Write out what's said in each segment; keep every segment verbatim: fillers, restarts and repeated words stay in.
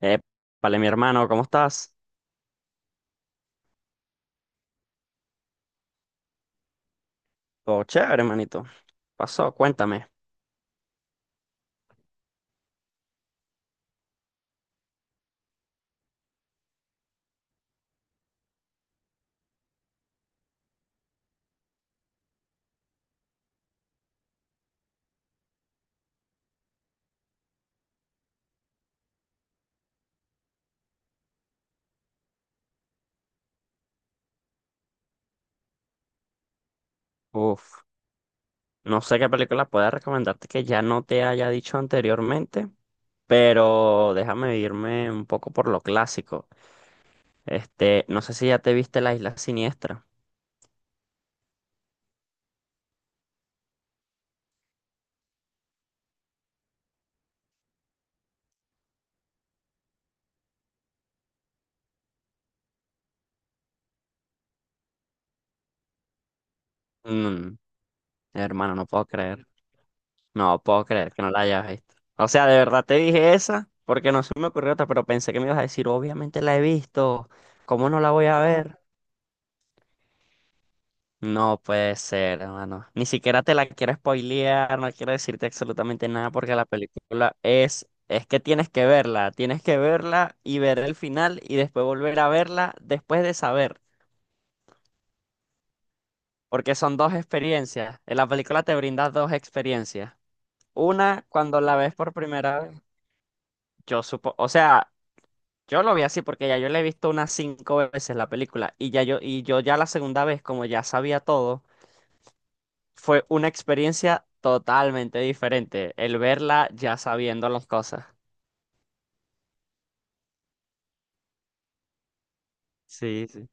Eh, vale, mi hermano, ¿cómo estás? Todo chévere, hermanito. Pasó, cuéntame. Uf, no sé qué película pueda recomendarte que ya no te haya dicho anteriormente, pero déjame irme un poco por lo clásico. Este, no sé si ya te viste La Isla Siniestra. Mm, Hermano, no puedo creer. No puedo creer que no la hayas visto. O sea, de verdad te dije esa, porque no se me ocurrió otra, pero pensé que me ibas a decir, obviamente la he visto. ¿Cómo no la voy a ver? No puede ser, hermano. Ni siquiera te la quiero spoilear, no quiero decirte absolutamente nada porque la película es, es que tienes que verla, tienes que verla y ver el final y después volver a verla después de saber, porque son dos experiencias. En la película te brinda dos experiencias. Una, cuando la ves por primera vez, yo supo, o sea, yo lo vi así porque ya yo la he visto unas cinco veces la película y ya yo, y yo ya la segunda vez, como ya sabía todo. Fue una experiencia totalmente diferente el verla ya sabiendo las cosas. Sí, sí.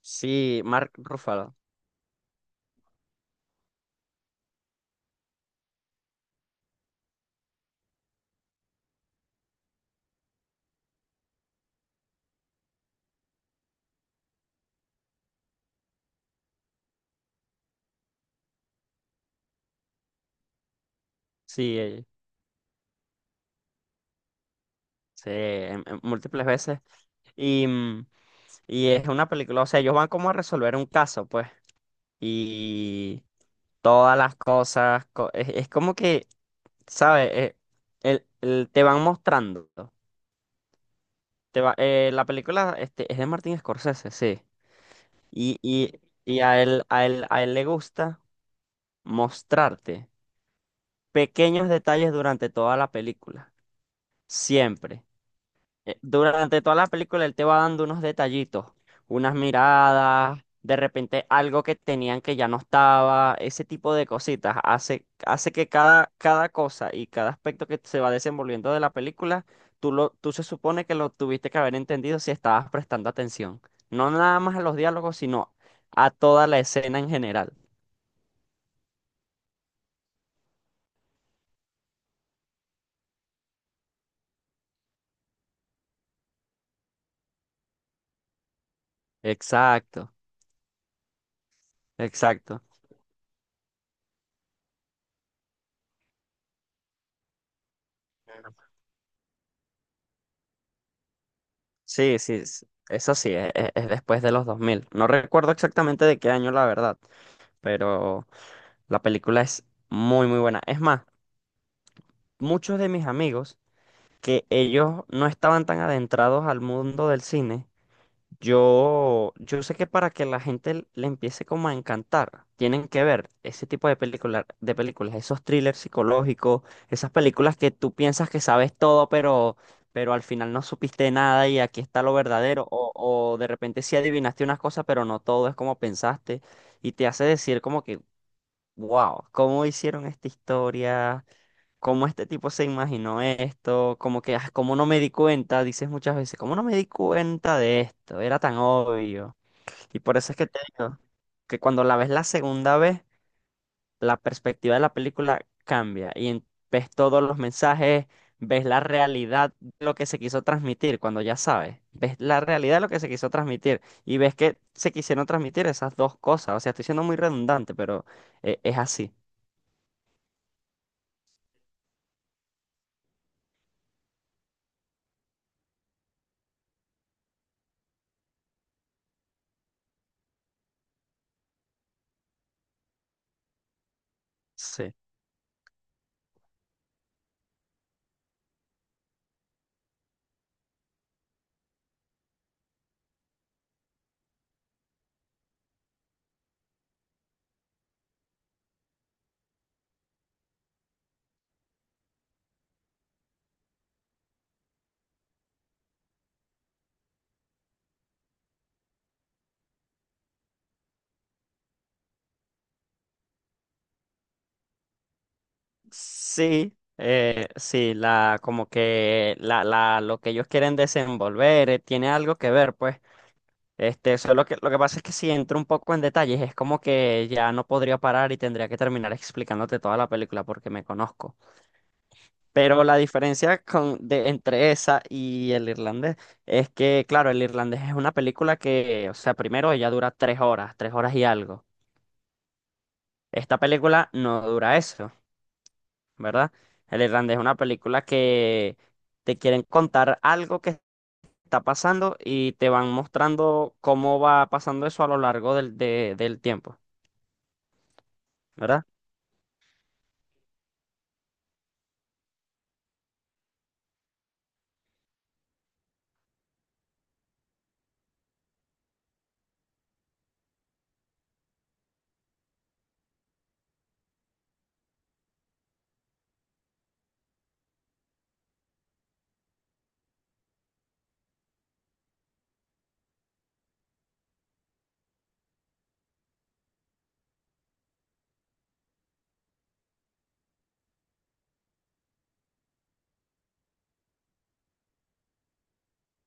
Sí, Mark Ruffalo. Sí, eh, sí, en- en múltiples veces. Y, mm, y es una película, o sea, ellos van como a resolver un caso, pues. Y todas las cosas, co- es, es como que, ¿sabes? Eh, el- el- te van mostrando. Te va, eh, la película este, es de Martin Scorsese, sí. Y, y, y a él, a él, a él le gusta mostrarte pequeños detalles durante toda la película. Siempre. Eh, Durante toda la película él te va dando unos detallitos, unas miradas, de repente algo que tenían que ya no estaba, ese tipo de cositas. Hace, hace que cada, cada cosa y cada aspecto que se va desenvolviendo de la película, tú, lo, tú se supone que lo tuviste que haber entendido si estabas prestando atención. No nada más a los diálogos, sino a toda la escena en general. Exacto, exacto. Sí, sí, s- eso sí, e- e- es, después de los dos mil. No recuerdo exactamente de qué año, la verdad, pero la película es muy, muy buena. Es más, muchos de mis amigos que ellos no estaban tan adentrados al mundo del cine, yo, yo sé que para que la gente le empiece como a encantar, tienen que ver ese tipo de películas, de películas, esos thrillers psicológicos, esas películas que tú piensas que sabes todo, pero, pero al final no supiste nada y aquí está lo verdadero, o, o de repente sí adivinaste unas cosas, pero no todo es como pensaste, y te hace decir como que, wow, ¿cómo hicieron esta historia? ¿Cómo este tipo se imaginó esto? Como que, ah, cómo no me di cuenta, dices muchas veces, cómo no me di cuenta de esto, era tan obvio. Y por eso es que te digo que cuando la ves la segunda vez, la perspectiva de la película cambia y en- ves todos los mensajes, ves la realidad de lo que se quiso transmitir, cuando ya sabes, ves la realidad de lo que se quiso transmitir y ves que se quisieron transmitir esas dos cosas. O sea, estoy siendo muy redundante, pero eh, es así. Sí, eh, sí, la, como que la, la, lo que ellos quieren desenvolver eh, tiene algo que ver, pues. Este, solo que lo que pasa es que si entro un poco en detalles, es como que ya no podría parar y tendría que terminar explicándote toda la película porque me conozco. Pero la diferencia con, de, entre esa y el irlandés es que, claro, el irlandés es una película que, o sea, primero ella dura tres horas, tres horas y algo. Esta película no dura eso. ¿Verdad? El Irlandés es una película que te quieren contar algo que está pasando y te van mostrando cómo va pasando eso a lo largo del, de- del tiempo, ¿verdad?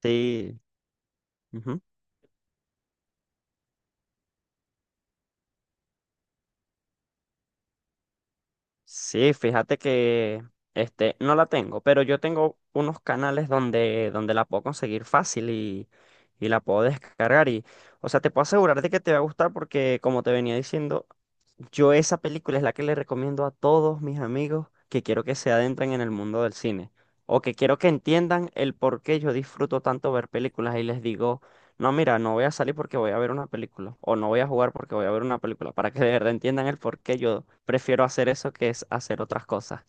Sí. Ujú. Sí, fíjate que este, no la tengo, pero yo tengo unos canales donde, donde la puedo conseguir fácil y, y la puedo descargar. Y, o sea, te puedo asegurar de que te va a gustar porque, como te venía diciendo, yo esa película es la que le recomiendo a todos mis amigos que quiero que se adentren en el mundo del cine o que quiero que entiendan el por qué yo disfruto tanto ver películas y les digo, no, mira, no voy a salir porque voy a ver una película o no voy a jugar porque voy a ver una película, para que de verdad entiendan el por qué yo prefiero hacer eso que es hacer otras cosas.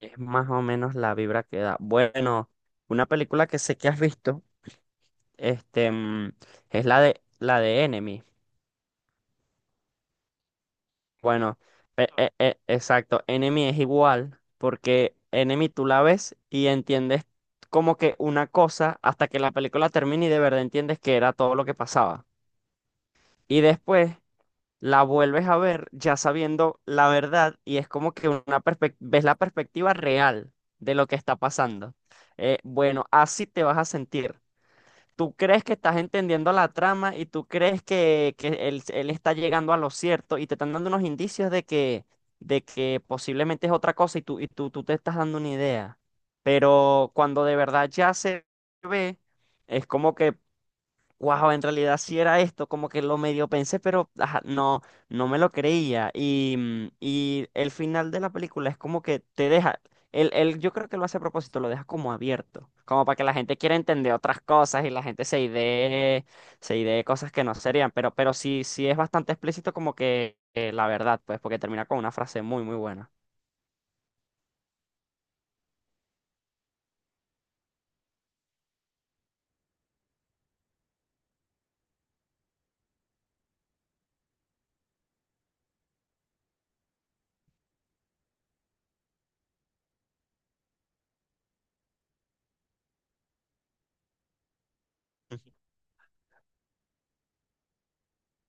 Es más o menos la vibra que da. Bueno, una película que sé que has visto, este, mm, es la de, la de Enemy. Bueno, e- e- e- exacto. Enemy es igual, porque Enemy tú la ves y entiendes como que una cosa hasta que la película termine y de verdad entiendes que era todo lo que pasaba. Y después la vuelves a ver ya sabiendo la verdad y es como que una perspec- ves la perspectiva real de lo que está pasando. Eh, bueno, así te vas a sentir tú crees que estás entendiendo la trama y tú crees que, que él, él está llegando a lo cierto y te están dando unos indicios de que, de que posiblemente es otra cosa y tú, y tú, tú te estás dando una idea. Pero cuando de verdad ya se ve, es como que wow, en realidad sí era esto, como que lo medio pensé, pero ajá, no, no me lo creía. Y, mm, y el final de la película es como que te deja, él, él yo creo que lo hace a propósito, lo deja como abierto, como para que la gente quiera entender otras cosas y la gente se idee, se idee cosas que no serían, pero, pero sí, sí es bastante explícito como que eh, la verdad, pues, porque termina con una frase muy, muy buena. Ujú.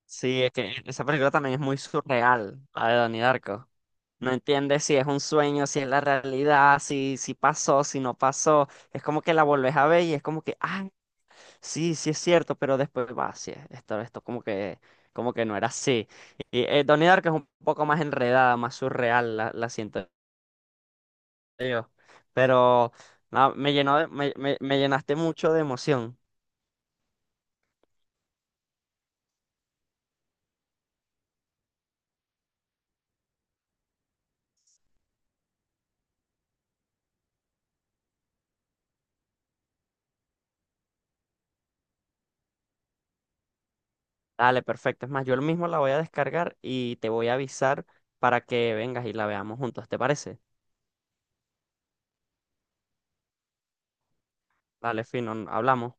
Sí, es que esa película también es muy surreal, la de Donnie Darko. No entiendes si es un sueño, si es la realidad, si, si pasó, si no pasó. Es como que la volvés a ver y es como que, ah, sí, sí es cierto, pero después va, sí, esto, esto como que, como que no era así. Y eh, Donnie Darko es un poco más enredada, más surreal, la, la siento yo. Pero no, me llenó de- me, me, me llenaste mucho de emoción. Dale, perfecto. Es más, yo mismo la voy a descargar y te voy a avisar para que vengas y la veamos juntos, ¿te parece? Dale, fino, hablamos.